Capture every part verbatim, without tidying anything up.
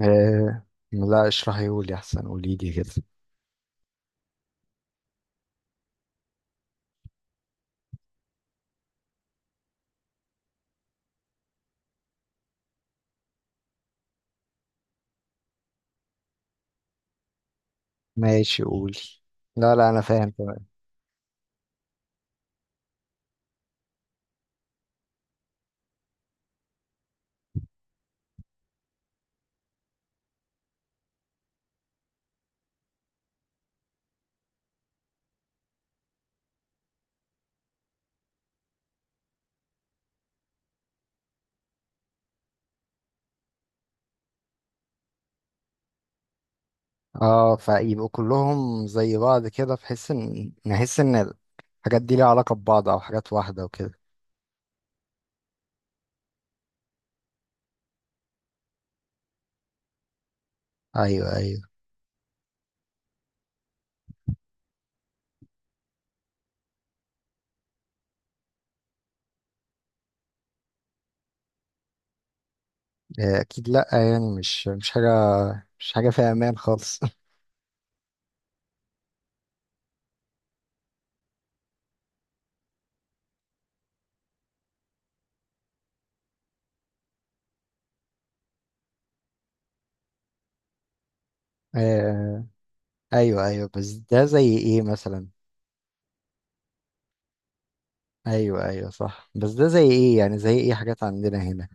آه. لا، اشرحي قولي احسن، قولي لي كده. ماشي، قولي. لا لا، انا فاهم تمام. اه، فيبقوا كلهم زي بعض كده بحيث ان نحس ان الحاجات دي ليها علاقة ببعض او حاجات واحدة وكده. ايوه ايوه. آه اكيد، لا يعني مش مش حاجة مش حاجة فيها امان خالص آه ايوه ايوه، بس ده زي ايه مثلا؟ ايوه ايوه صح، بس ده زي ايه يعني زي ايه؟ حاجات عندنا هنا.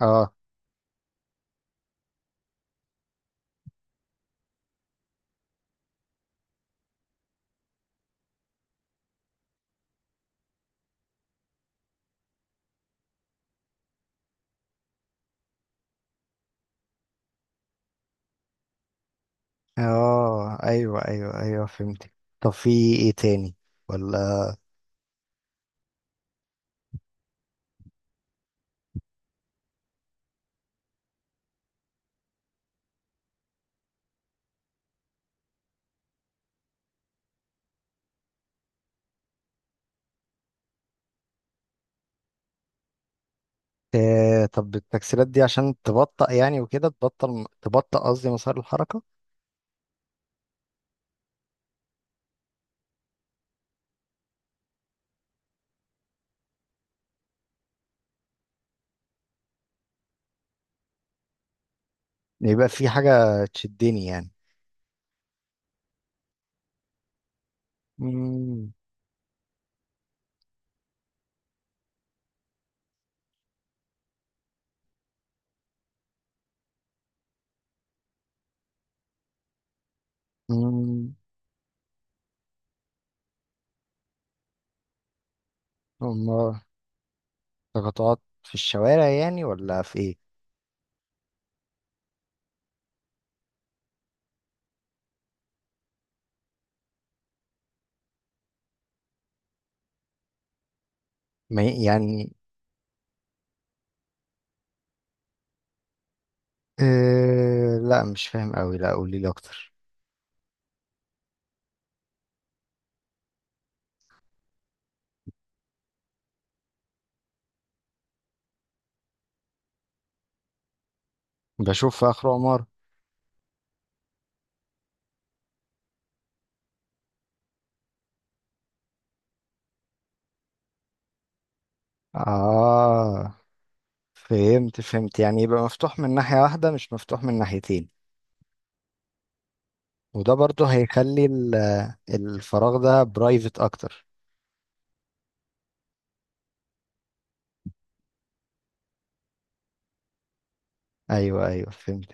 اه. اه ايوه ايوه ايوه، فهمتك. طب في ايه تاني؟ ولا؟ آه، طب التكسيرات دي عشان تبطأ يعني وكده، تبطل تبطأ قصدي مسار الحركة. يبقى في حاجة تشدني يعني. امم امم أمال، تقاطعات في الشوارع يعني ولا في ايه؟ ما ي- يعني. آه لا، مش فاهم قوي، لا قولي لي اكتر. بشوف في اخر عمارة. اه فهمت فهمت، يعني يبقى مفتوح من ناحية واحدة، مش مفتوح من ناحيتين. وده برضه هيخلي ال- الفراغ ده برايفت اكتر. ايوه ايوه فهمت.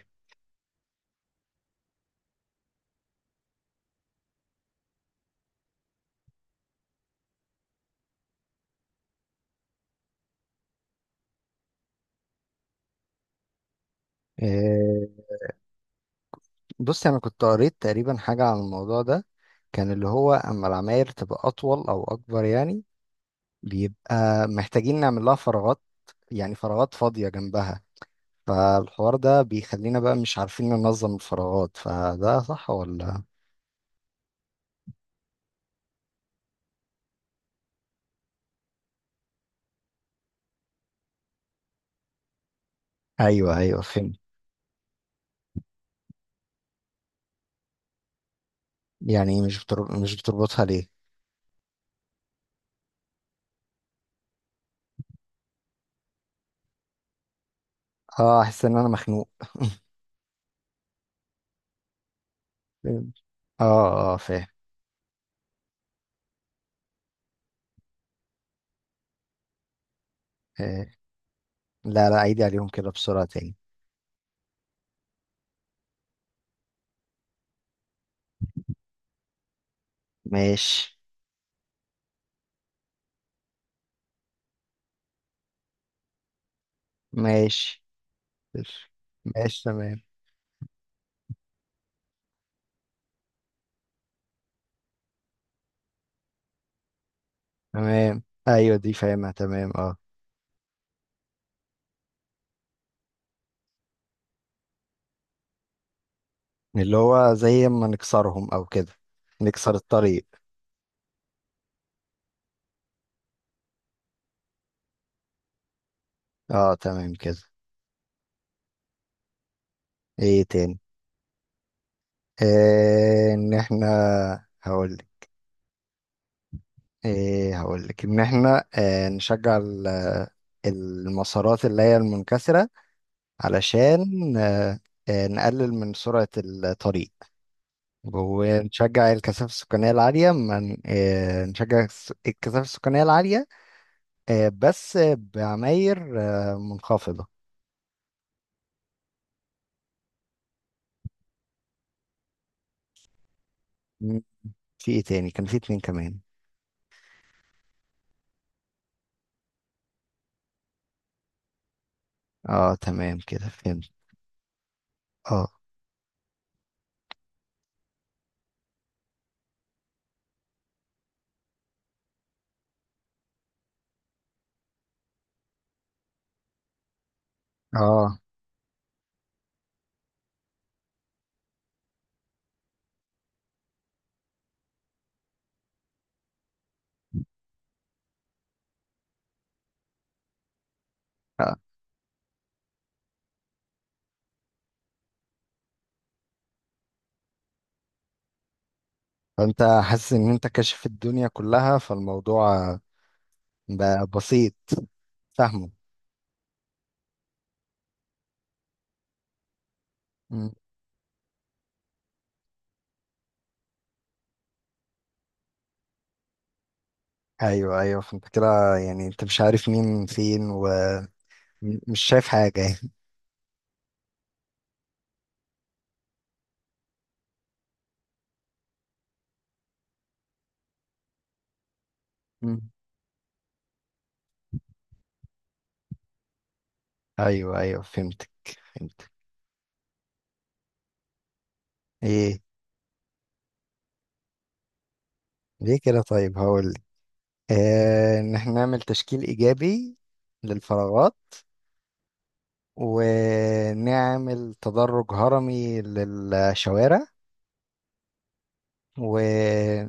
آه، بص، انا كنت قريت تقريبا حاجه عن الموضوع ده. كان اللي هو اما العماير تبقى اطول او اكبر، يعني بيبقى محتاجين نعمل لها فراغات، يعني فراغات فاضيه جنبها، فالحوار ده بيخلينا بقى مش عارفين ننظم الفراغات. فده صح ولا؟ ايوه ايوه فهمت. يعني مش بتر... مش بتربطها ليه؟ اه، احس ان انا مخنوق. فهمت. اه اه فاهم. آه. لا لا، عيدي عليهم كده بسرعة تاني. ماشي. ماشي. ماشي تمام. تمام، ايوه دي فاهمها تمام، اه. اللي هو زي ما نكسرهم او كده، نكسر الطريق. اه تمام كده. ايه تاني؟ آه ان احنا، هقولك ايه هقولك ان احنا آه نشجع ال- المسارات اللي هي المنكسرة، علشان آه آه نقلل من سرعة الطريق، ونشجع الكثافة السكانية العالية من آه، نشجع الس- الكثافة السكانية العالية، آه، بس بعماير آه، منخفضة. م، في ايه تاني؟ كان في اتنين كمان. اه تمام كده، فهمت. اه اه. آه. فانت حاسس ان انت كاشف الدنيا كلها، فالموضوع بقى بسيط، فاهمه. م. ايوه ايوه، فانت كده يعني انت مش عارف مين فين ومش شايف حاجة يعني. م. ايوه ايوه فهمتك، فهمت. ايه؟ ليه كده؟ طيب هقول لك. آه ان احنا نعمل تشكيل ايجابي للفراغات، ونعمل تدرج هرمي للشوارع، و...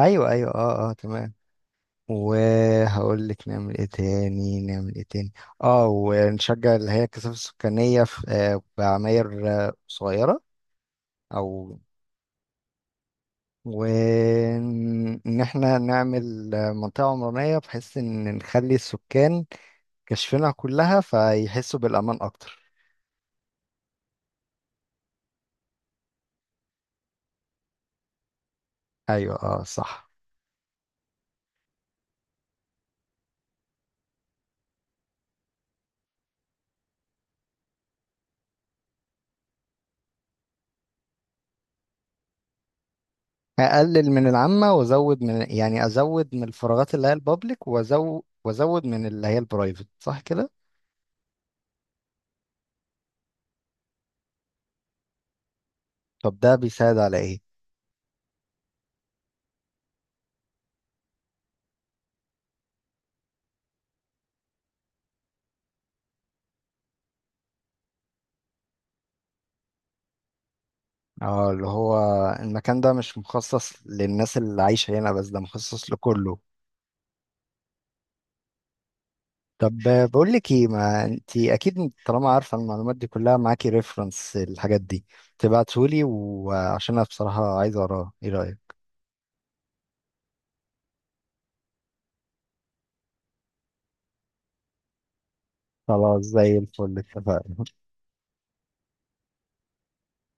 ايوه ايوه اه اه تمام. وهقول لك نعمل ايه تاني، نعمل ايه تاني. اه، ونشجع اللي هي الكثافة السكانية في آه بعماير آه، صغيرة، او... وان احنا نعمل آه، منطقة عمرانية بحيث ان نخلي السكان كشفنا كلها، فيحسوا بالأمان أكتر. أيوة أه صح. أقلل من العامة وأزود من، يعني أزود من الفراغات اللي هي البابليك، وأزود وأزود من اللي هي البرايفت، صح كده؟ طب ده بيساعد على إيه؟ أه، اللي هو المكان ده مش مخصص للناس اللي عايشة هنا بس، ده مخصص لكله. طب، بقول لك ايه، ما انت اكيد طالما عارفه المعلومات دي كلها معاكي، ريفرنس الحاجات دي تبعتهولي، وعشان انا بصراحه عايز اقراها، ايه رايك؟ خلاص، زي الفل، اتفقنا.